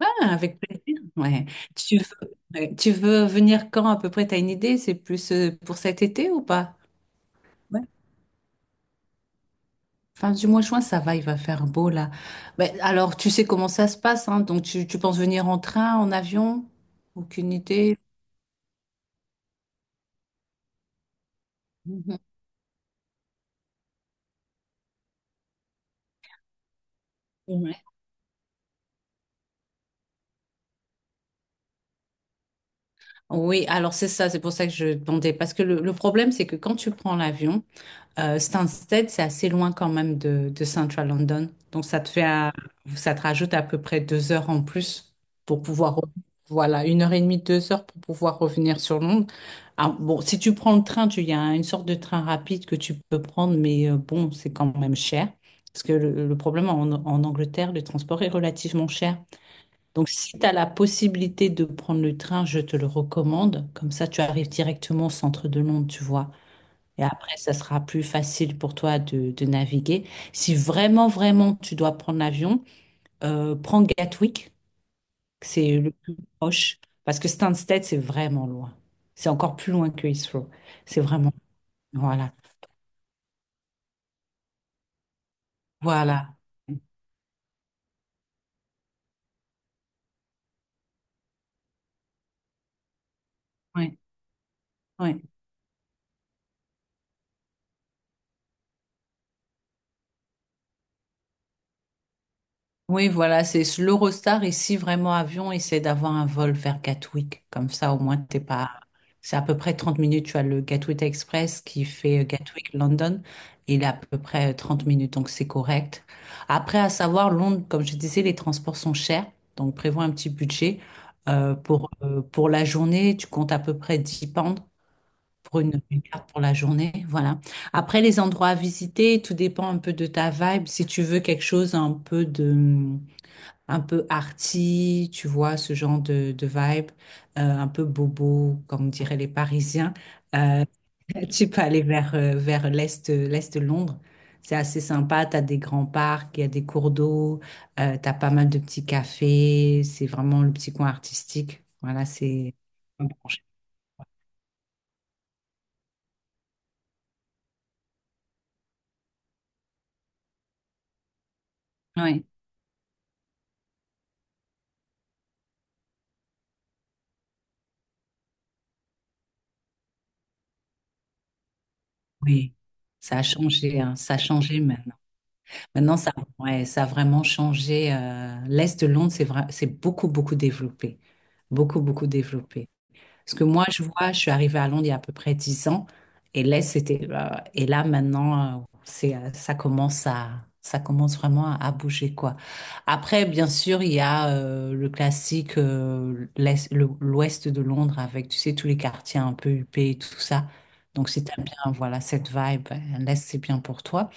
Ah, avec plaisir. Ouais. Tu veux, ouais. Tu veux venir quand à peu près? T'as une idée? C'est plus pour cet été ou pas? Ouais. Fin du mois de juin, ça va, il va faire beau là. Mais alors, tu sais comment ça se passe, hein? Donc, tu penses venir en train, en avion? Aucune idée. Mhm. Ouais. Oui, alors c'est ça, c'est pour ça que je demandais. Parce que le problème, c'est que quand tu prends l'avion. Stansted, c'est assez loin quand même de Central London. Donc, ça te rajoute à peu près 2 heures en plus pour pouvoir, voilà, 1 heure et demie, 2 heures pour pouvoir revenir sur Londres. Ah, bon, si tu prends le train, il y a une sorte de train rapide que tu peux prendre, mais bon, c'est quand même cher. Parce que le problème en Angleterre, le transport est relativement cher. Donc, si tu as la possibilité de prendre le train, je te le recommande. Comme ça, tu arrives directement au centre de Londres, tu vois. Et après, ça sera plus facile pour toi de naviguer. Si vraiment, vraiment, tu dois prendre l'avion, prends Gatwick, c'est le plus proche, parce que Stansted, c'est vraiment loin. C'est encore plus loin que Heathrow. C'est vraiment... Voilà. Voilà. Ouais, ouais. Oui, voilà, c'est l'Eurostar ici, vraiment avion, essaie d'avoir un vol vers Gatwick. Comme ça, au moins, t'es pas. C'est à peu près 30 minutes. Tu as le Gatwick Express qui fait Gatwick London. Il est à peu près 30 minutes, donc c'est correct. Après, à savoir, Londres, comme je disais, les transports sont chers. Donc, prévois un petit budget. Pour la journée, tu comptes à peu près 10 pounds pour une carte pour la journée. Voilà. Après, les endroits à visiter, tout dépend un peu de ta vibe. Si tu veux quelque chose un peu de un peu arty, tu vois, ce genre de vibe, un peu bobo, comme diraient les Parisiens. Euh, Tu peux aller vers l'est, de Londres. C'est assez sympa, tu as des grands parcs, il y a des cours d'eau, tu as pas mal de petits cafés, c'est vraiment le petit coin artistique. Voilà, c'est... Oui, oui, ça a changé, hein, ça a changé maintenant. Maintenant, ça, ouais, ça a vraiment changé. L'Est de Londres, c'est vrai, c'est beaucoup, beaucoup développé. Beaucoup, beaucoup développé. Parce que moi, je vois, je suis arrivée à Londres il y a à peu près 10 ans. Et l'Est, c'était. Et là, maintenant, ça commence vraiment à bouger, quoi. Après, bien sûr, il y a le classique, l'Ouest de Londres avec, tu sais, tous les quartiers un peu huppés et tout ça. Donc, si t'aimes bien, voilà, cette vibe, l'Est, c'est bien pour toi.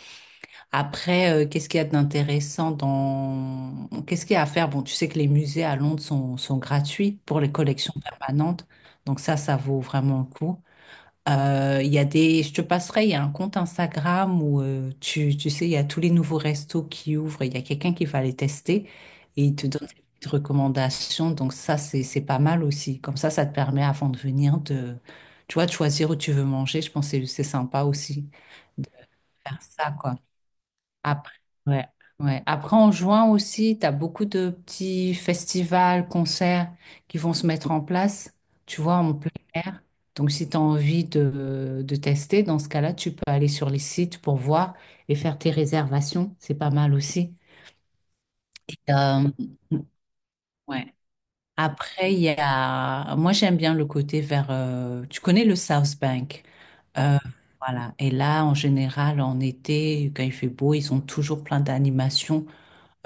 Après, qu'est-ce qu'il y a d'intéressant dans... Qu'est-ce qu'il y a à faire? Bon, tu sais que les musées à Londres sont gratuits pour les collections permanentes. Donc ça vaut vraiment le coup. Il y a des... Je te passerai, il y a un compte Instagram où tu sais, il y a tous les nouveaux restos qui ouvrent. Il y a quelqu'un qui va les tester et il te donne des petites recommandations. Donc ça, c'est pas mal aussi. Comme ça te permet avant de venir de... Tu vois, de choisir où tu veux manger. Je pense que c'est sympa aussi de faire ça, quoi. Après, ouais, ouais. Après, en juin aussi, tu as beaucoup de petits festivals, concerts qui vont se mettre en place, tu vois, en plein air. Donc, si tu as envie de tester, dans ce cas-là, tu peux aller sur les sites pour voir et faire tes réservations. C'est pas mal aussi. Et, ouais. Après, il y a... Moi, j'aime bien le côté vers... Tu connais le South Bank. Euh, voilà. Et là, en général, en été, quand il fait beau, ils ont toujours plein d'animations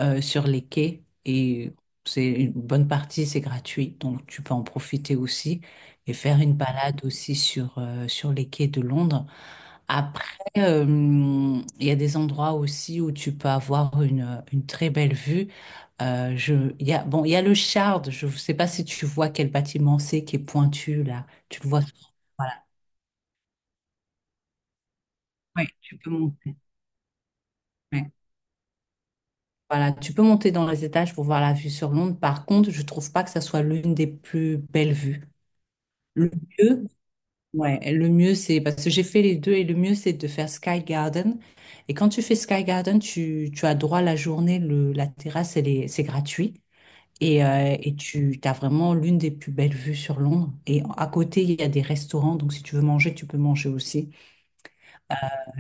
sur les quais et c'est une bonne partie, c'est gratuit, donc tu peux en profiter aussi et faire une balade aussi sur les quais de Londres. Après, il y a des endroits aussi où tu peux avoir une très belle vue. Je, il y a, bon, il y a le Shard, je ne sais pas si tu vois quel bâtiment c'est qui est pointu là. Tu le vois. Voilà. Oui, tu peux monter. Oui. Voilà, tu peux monter dans les étages pour voir la vue sur Londres. Par contre, je trouve pas que ça soit l'une des plus belles vues. Le mieux, ouais, le mieux c'est parce que j'ai fait les deux et le mieux c'est de faire Sky Garden. Et quand tu fais Sky Garden, tu as droit à la journée, la terrasse, c'est gratuit. Et tu as vraiment l'une des plus belles vues sur Londres. Et à côté, il y a des restaurants, donc si tu veux manger, tu peux manger aussi. Euh,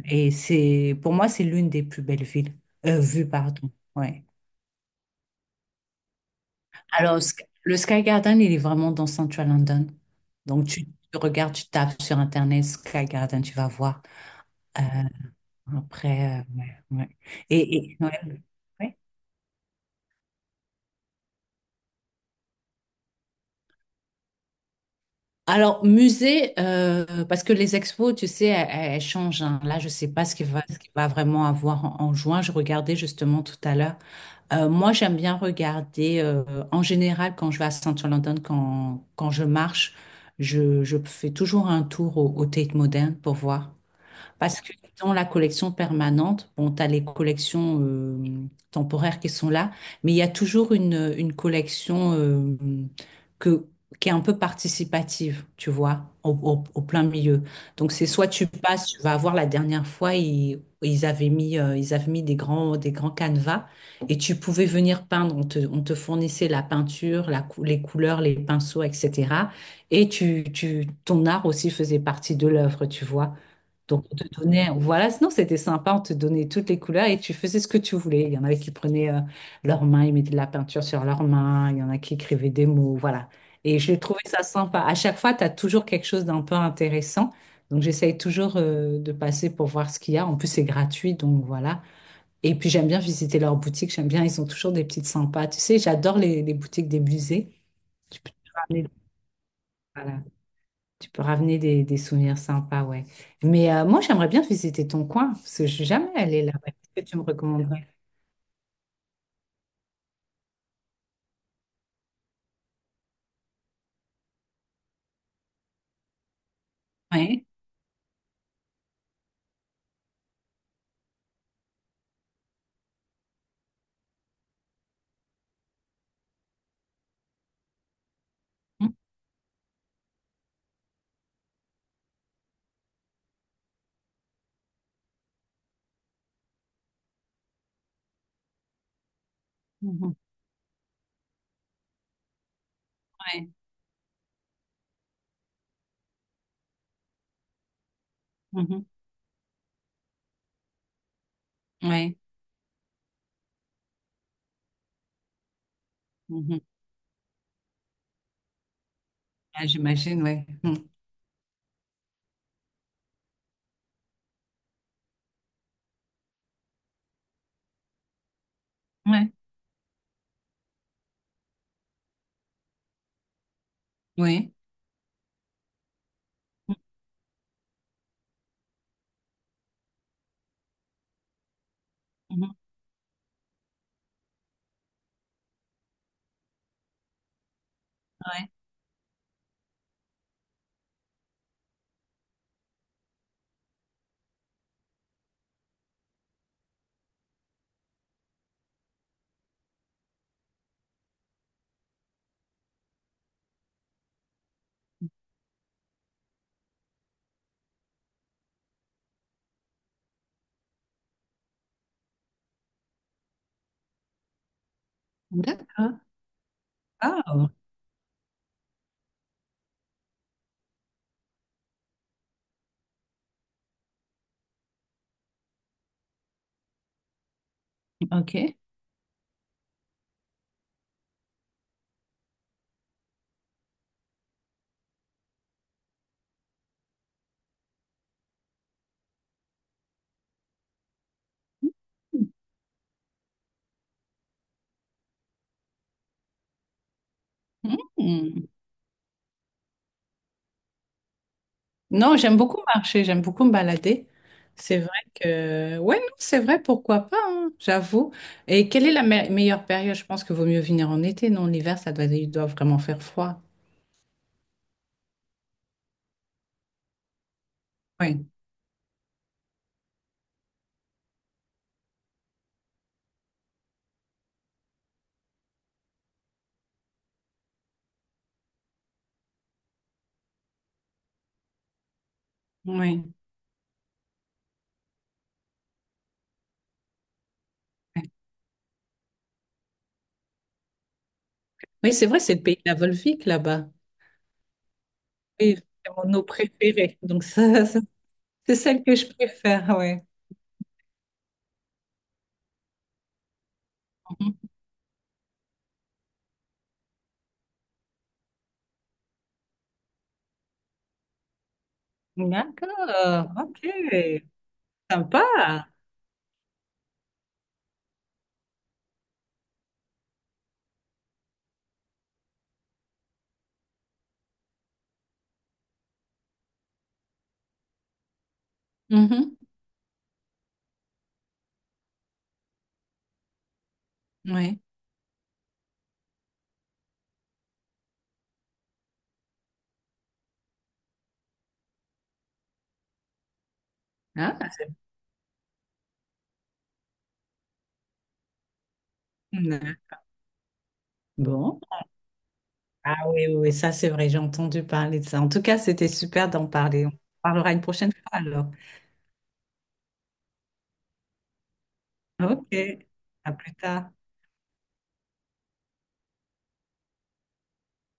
et c'est, pour moi, c'est l'une des plus belles villes, vues, pardon. Ouais. Alors, le Sky Garden, il est vraiment dans Central London. Donc, tu regardes, tu tapes sur Internet Sky Garden, tu vas voir. Euh, Après, ouais, ouais. Ouais. Ouais. Alors, musée, parce que les expos, tu sais, elles changent, hein. Là, je sais pas ce qu'il va vraiment avoir en juin. Je regardais justement tout à l'heure. Moi, j'aime bien regarder, en général, quand je vais à Central London, quand je marche, je fais toujours un tour au Tate Modern pour voir. Parce que dans la collection permanente, bon, tu as les collections temporaires qui sont là, mais il y a toujours une collection que, qui est un peu participative, tu vois, au plein milieu. Donc c'est soit tu passes, tu vas voir la dernière fois, ils avaient mis des grands canevas et tu pouvais venir peindre. On te fournissait la peinture, les couleurs, les pinceaux, etc. Et ton art aussi faisait partie de l'œuvre, tu vois. Donc, on te donnait, voilà, sinon c'était sympa, on te donnait toutes les couleurs et tu faisais ce que tu voulais. Il y en avait qui prenaient leurs mains, ils mettaient de la peinture sur leurs mains, il y en a qui écrivaient des mots, voilà. Et j'ai trouvé ça sympa. À chaque fois, tu as toujours quelque chose d'un peu intéressant. Donc, j'essaye toujours de passer pour voir ce qu'il y a. En plus, c'est gratuit, donc voilà. Et puis, j'aime bien visiter leurs boutiques, j'aime bien, ils ont toujours des petites sympas. Tu sais, j'adore les boutiques des musées. Tu peux te ramener, voilà. Tu peux ramener des souvenirs sympas, ouais. Mais moi, j'aimerais bien visiter ton coin, parce que je suis jamais allée là-bas. Qu'est-ce que tu me recommanderais? Ouais. Mhm. Mhm. Ouais. Mhm. Ouais. Mhm. Ah, j'imagine, ouais. Mhm. Ouais. Oui. Mhm. Ouais. D'accord. Ah, ok. Mhm. Non, j'aime beaucoup marcher, j'aime beaucoup me balader. C'est vrai que, ouais, non, c'est vrai, pourquoi pas, hein, j'avoue. Et quelle est la meilleure période? Je pense que vaut mieux venir en été, non? L'hiver, il doit vraiment faire froid. Oui, oui, oui. Oui, c'est vrai, c'est le pays de la Volvic là-bas. Oui, c'est mon eau préférée. Donc, ça, c'est celle que je préfère, oui. D'accord, ok, sympa. Mhm, Oui. Ah, Mm. Bon. Ah oui, oui, oui, ça c'est vrai, j'ai entendu parler de ça. En tout cas, c'était super d'en parler. On parlera une prochaine fois alors. Ok, à plus tard.